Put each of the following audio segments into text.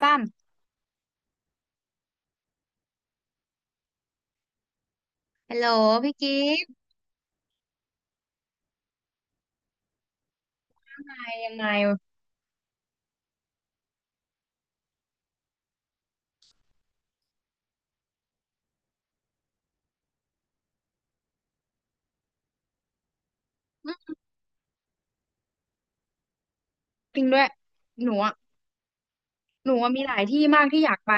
ตั้มฮัลโหลพี่กิฟต์ไปยังไงอืมจริงด้วย หนูอะหนูอะมีหลายที่มากที่อยากไป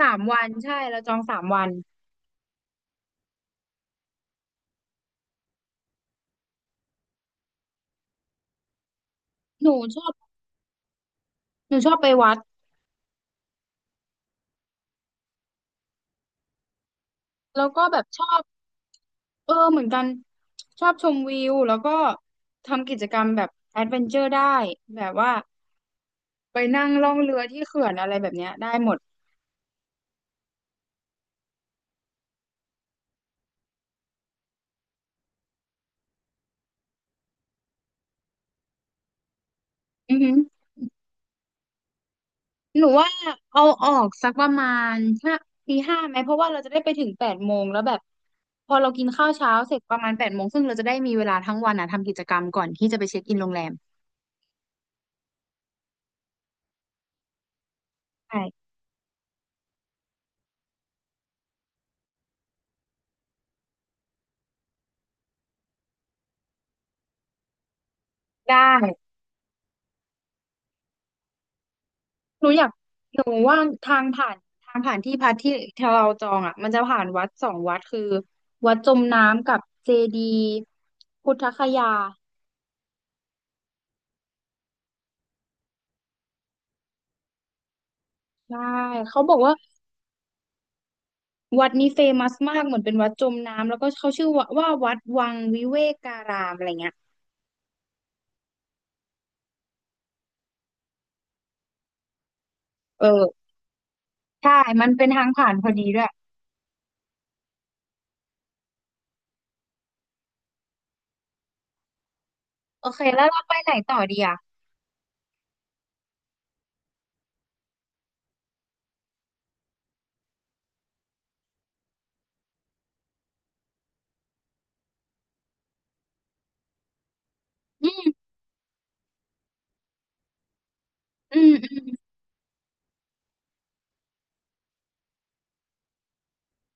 สามวันใช่เราจองสามวันหนูชอบหนูชอบไปวัด แล้วก็แบบชอบเออเหมือนกันชอบชมวิว แล้วก็ทำกิจกรรมแบบแอดเวนเจอร์ได้ แบบว่าไปนั่งล่องเรือที่เขื่อนอะไรแบบเนี้ยได้หมดอือฮึ หนูว่าเอาออกสักประมาณห้าตี 5ไหมเพราะว่าเราจะได้ไปถึงแปดโมงแล้วแบบพอเรากินข้าวเช้าเสร็จประมาณแปดโมงซึ่งเราจะได้มีเวลาทั้งวันอ่ะทำกิจกรรมก่อนที่จะไปเช็คอินโรงแรมใช่ได้หนูอยากหนูว่าทางผ่านทางผ่านที่พักที่เราจองอ่ะมันจะผ่านวัด2 วัดคือวัดจมน้ำกับเจดีย์พุทธคยาใช่เขาบอกว่าวัดนี้เฟมัสมากเหมือนเป็นวัดจมน้ำแล้วก็เขาชื่อว่าวัดวังวิเวการามอะไรเงี้ย เออใช่มันเป็นทางผ่านพอดีด้วยโอเคแล้วเราไปไหนต่อดีอ่ะอืมอืมอืม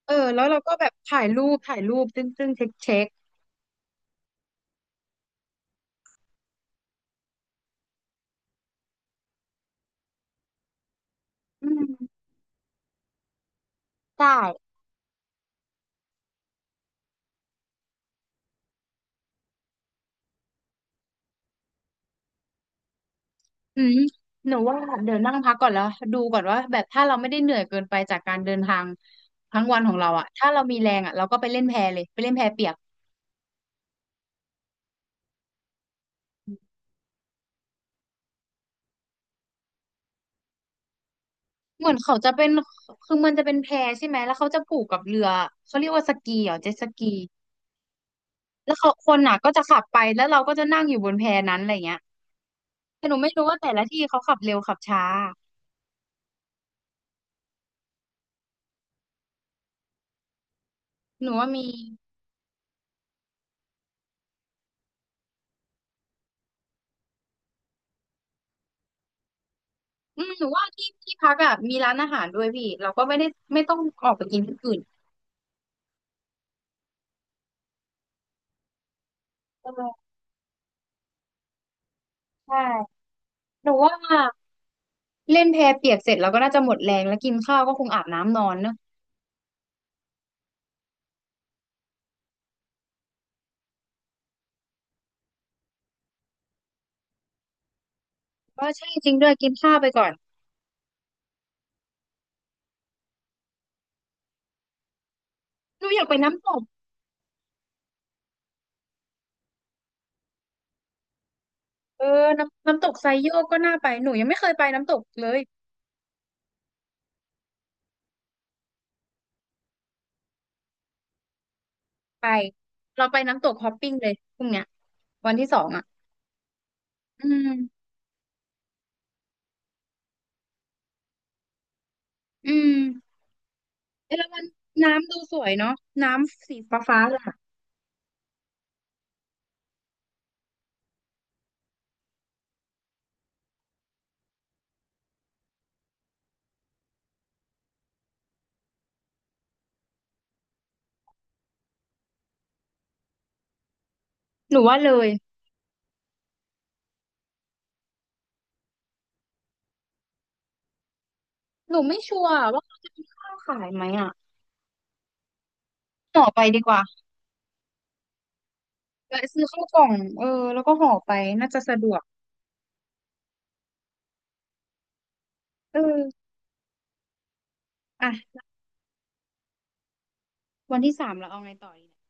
เออแล้วเราก็แบบถ่ายรูปถ่ายรูปซึ่งเช็คอืมได้อืมหนูว่าเดี๋ยวนั่งพักก่อนแล้วดูก่อนว่าแบบถ้าเราไม่ได้เหนื่อยเกินไปจากการเดินทางทั้งวันของเราอ่ะถ้าเรามีแรงอ่ะเราก็ไปเล่นแพเลยไปเล่นแพเปียกเหมือนเขาจะเป็นคือมันจะเป็นแพใช่ไหมแล้วเขาจะผูกกับเรือเขาเรียกว่าสกีเหรอเจ็ตสกีแล้วเขาคนอ่ะก็จะขับไปแล้วเราก็จะนั่งอยู่บนแพนั้นอะไรเงี้ย แต่หนูไม่รู้ว่าแต่ละที่เขาขับเร็วขับช้าหนูว่ามีอืมหนูว่าที่ที่พักอ่ะมีร้านอาหารด้วยพี่เราก็ไม่ได้ไม่ต้องออกไปกินที่อื่นเออใช่หนูว่าเล่นแพเปียกเสร็จเราก็น่าจะหมดแรงแล้วกินข้าวก็คงอาบน้ำนอนเนอะก็ใช่จริงด้วยกินข้าวไปก่อนหนูอยากไปน้ำตกเออน้ำตกไซโยกก็น่าไปหนูยังไม่เคยไปน้ำตกเลยไปเราไปน้ำตกฮอปปิ้งเลยพรุ่งเนี้ยวันที่ 2อ่ะอืมอืมเออแล้วมันน้ำดูสวยเนาะน้ำสีฟ้าฟ้าล่ะ หนูว่าเลยหนูไม่ชัวร์ว่าเขาจะมีข้าวขายไหมอ่ะห่อไปดีกว่าแวะซื้อข้าวกล่องเออแล้วก็ห่อไปน่าจะสะดวกเอออ่ะวันที่ 3เราเอาไงต่อดีเนี่ย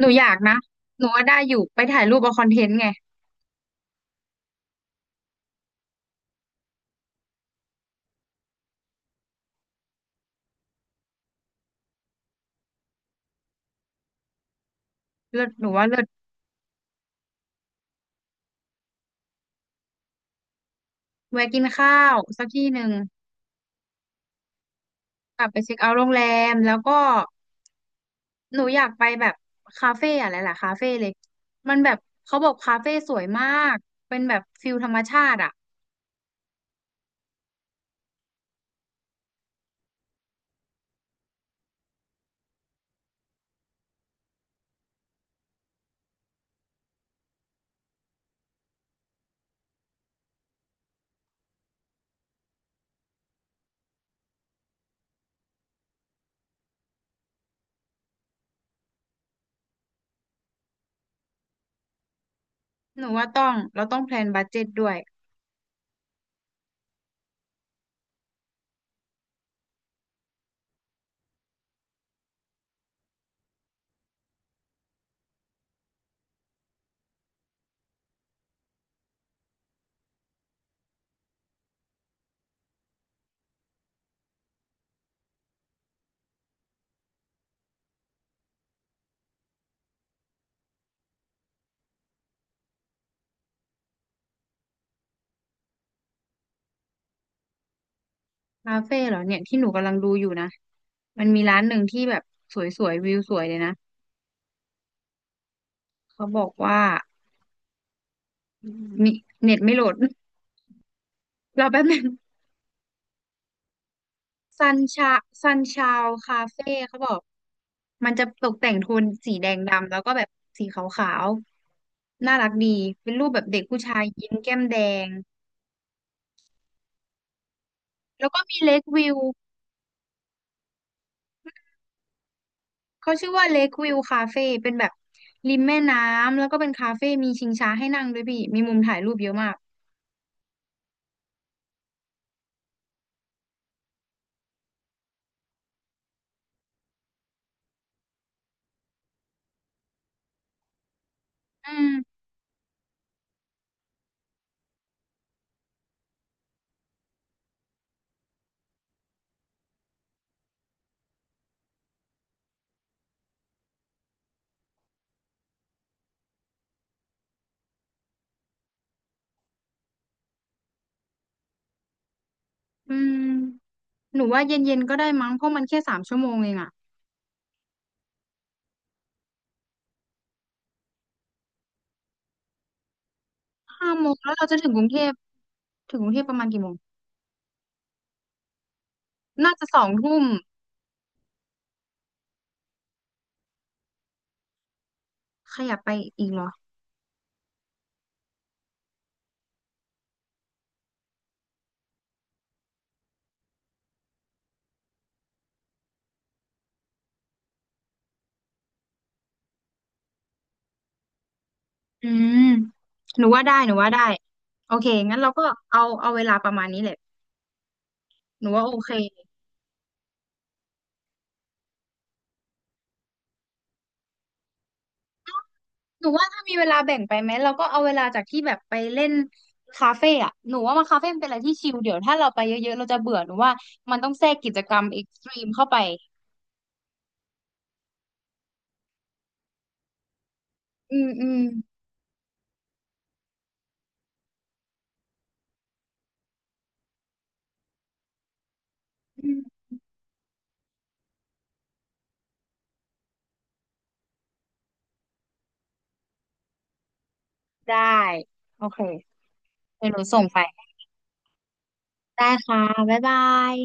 หนูอยากนะหนูว่าได้อยู่ไปถ่ายรูปเอาคอนเทนต์ไงเลิศหนูว่าเลิศแวะกินข้าวสักที่หนึ่งกลับไปเช็คเอาท์โรงแรมแล้วก็หนูอยากไปแบบคาเฟ่อะไรล่ะคาเฟ่เลยมันแบบเขาบอกคาเฟ่สวยมากเป็นแบบฟิลธรรมชาติอ่ะหนูว่าต้อง เราต้องแพลนบัดเจ็ตด้วย คาเฟ่เหรอเนี่ยที่หนูกำลังดูอยู่นะมันมีร้านหนึ่งที่แบบสวยๆวิวสวยเลยนะเขาบอกว่ามีเน็ตไม่โหลด รอแป๊บนึงซันชาซันชาวคาเฟ่เขาบอกมันจะตกแต่งโทนสีแดงดำแล้วก็แบบสีขาวๆน่ารักดีเป็นรูปแบบเด็กผู้ชายยิ้มแก้มแดงแล้วก็มีเลควิวเขาชื่อว่าเลควิวคาเฟ่เป็นแบบริมแม่น้ำแล้วก็เป็นคาเฟ่มีชิงช้าให้นั่งด้วยพี่มีมุมถ่ายรูปเยอะมากอืม อืมหนูว่าเย็นๆก็ได้มั้งเพราะมันแค่3 ชั่วโมงเองอะ5 โมงแล้วเราจะถึงกรุงเทพถึงกรุงเทพประมาณกี่โมงน่าจะ2 ทุ่มขยับไปอีกเหรออืมหนูว่าได้หนูว่าได้โอเคงั้นเราก็เอาเอาเวลาประมาณนี้แหละหนูว่าโอเคหนูว่าถ้ามีเวลาแบ่งไปไหมเราก็เอาเวลาจากที่แบบไปเล่นคาเฟ่อะหนูว่ามาคาเฟ่มันเป็นอะไรที่ชิลเดี๋ยวถ้าเราไปเยอะๆเราจะเบื่อหนูว่ามันต้องแทรกกิจกรรมเอ็กซ์ตรีมเข้าไปอืมอืมอืมได้โอเค เดี๋ยวหนูส่งไปได้ค่ะบ๊ายบาย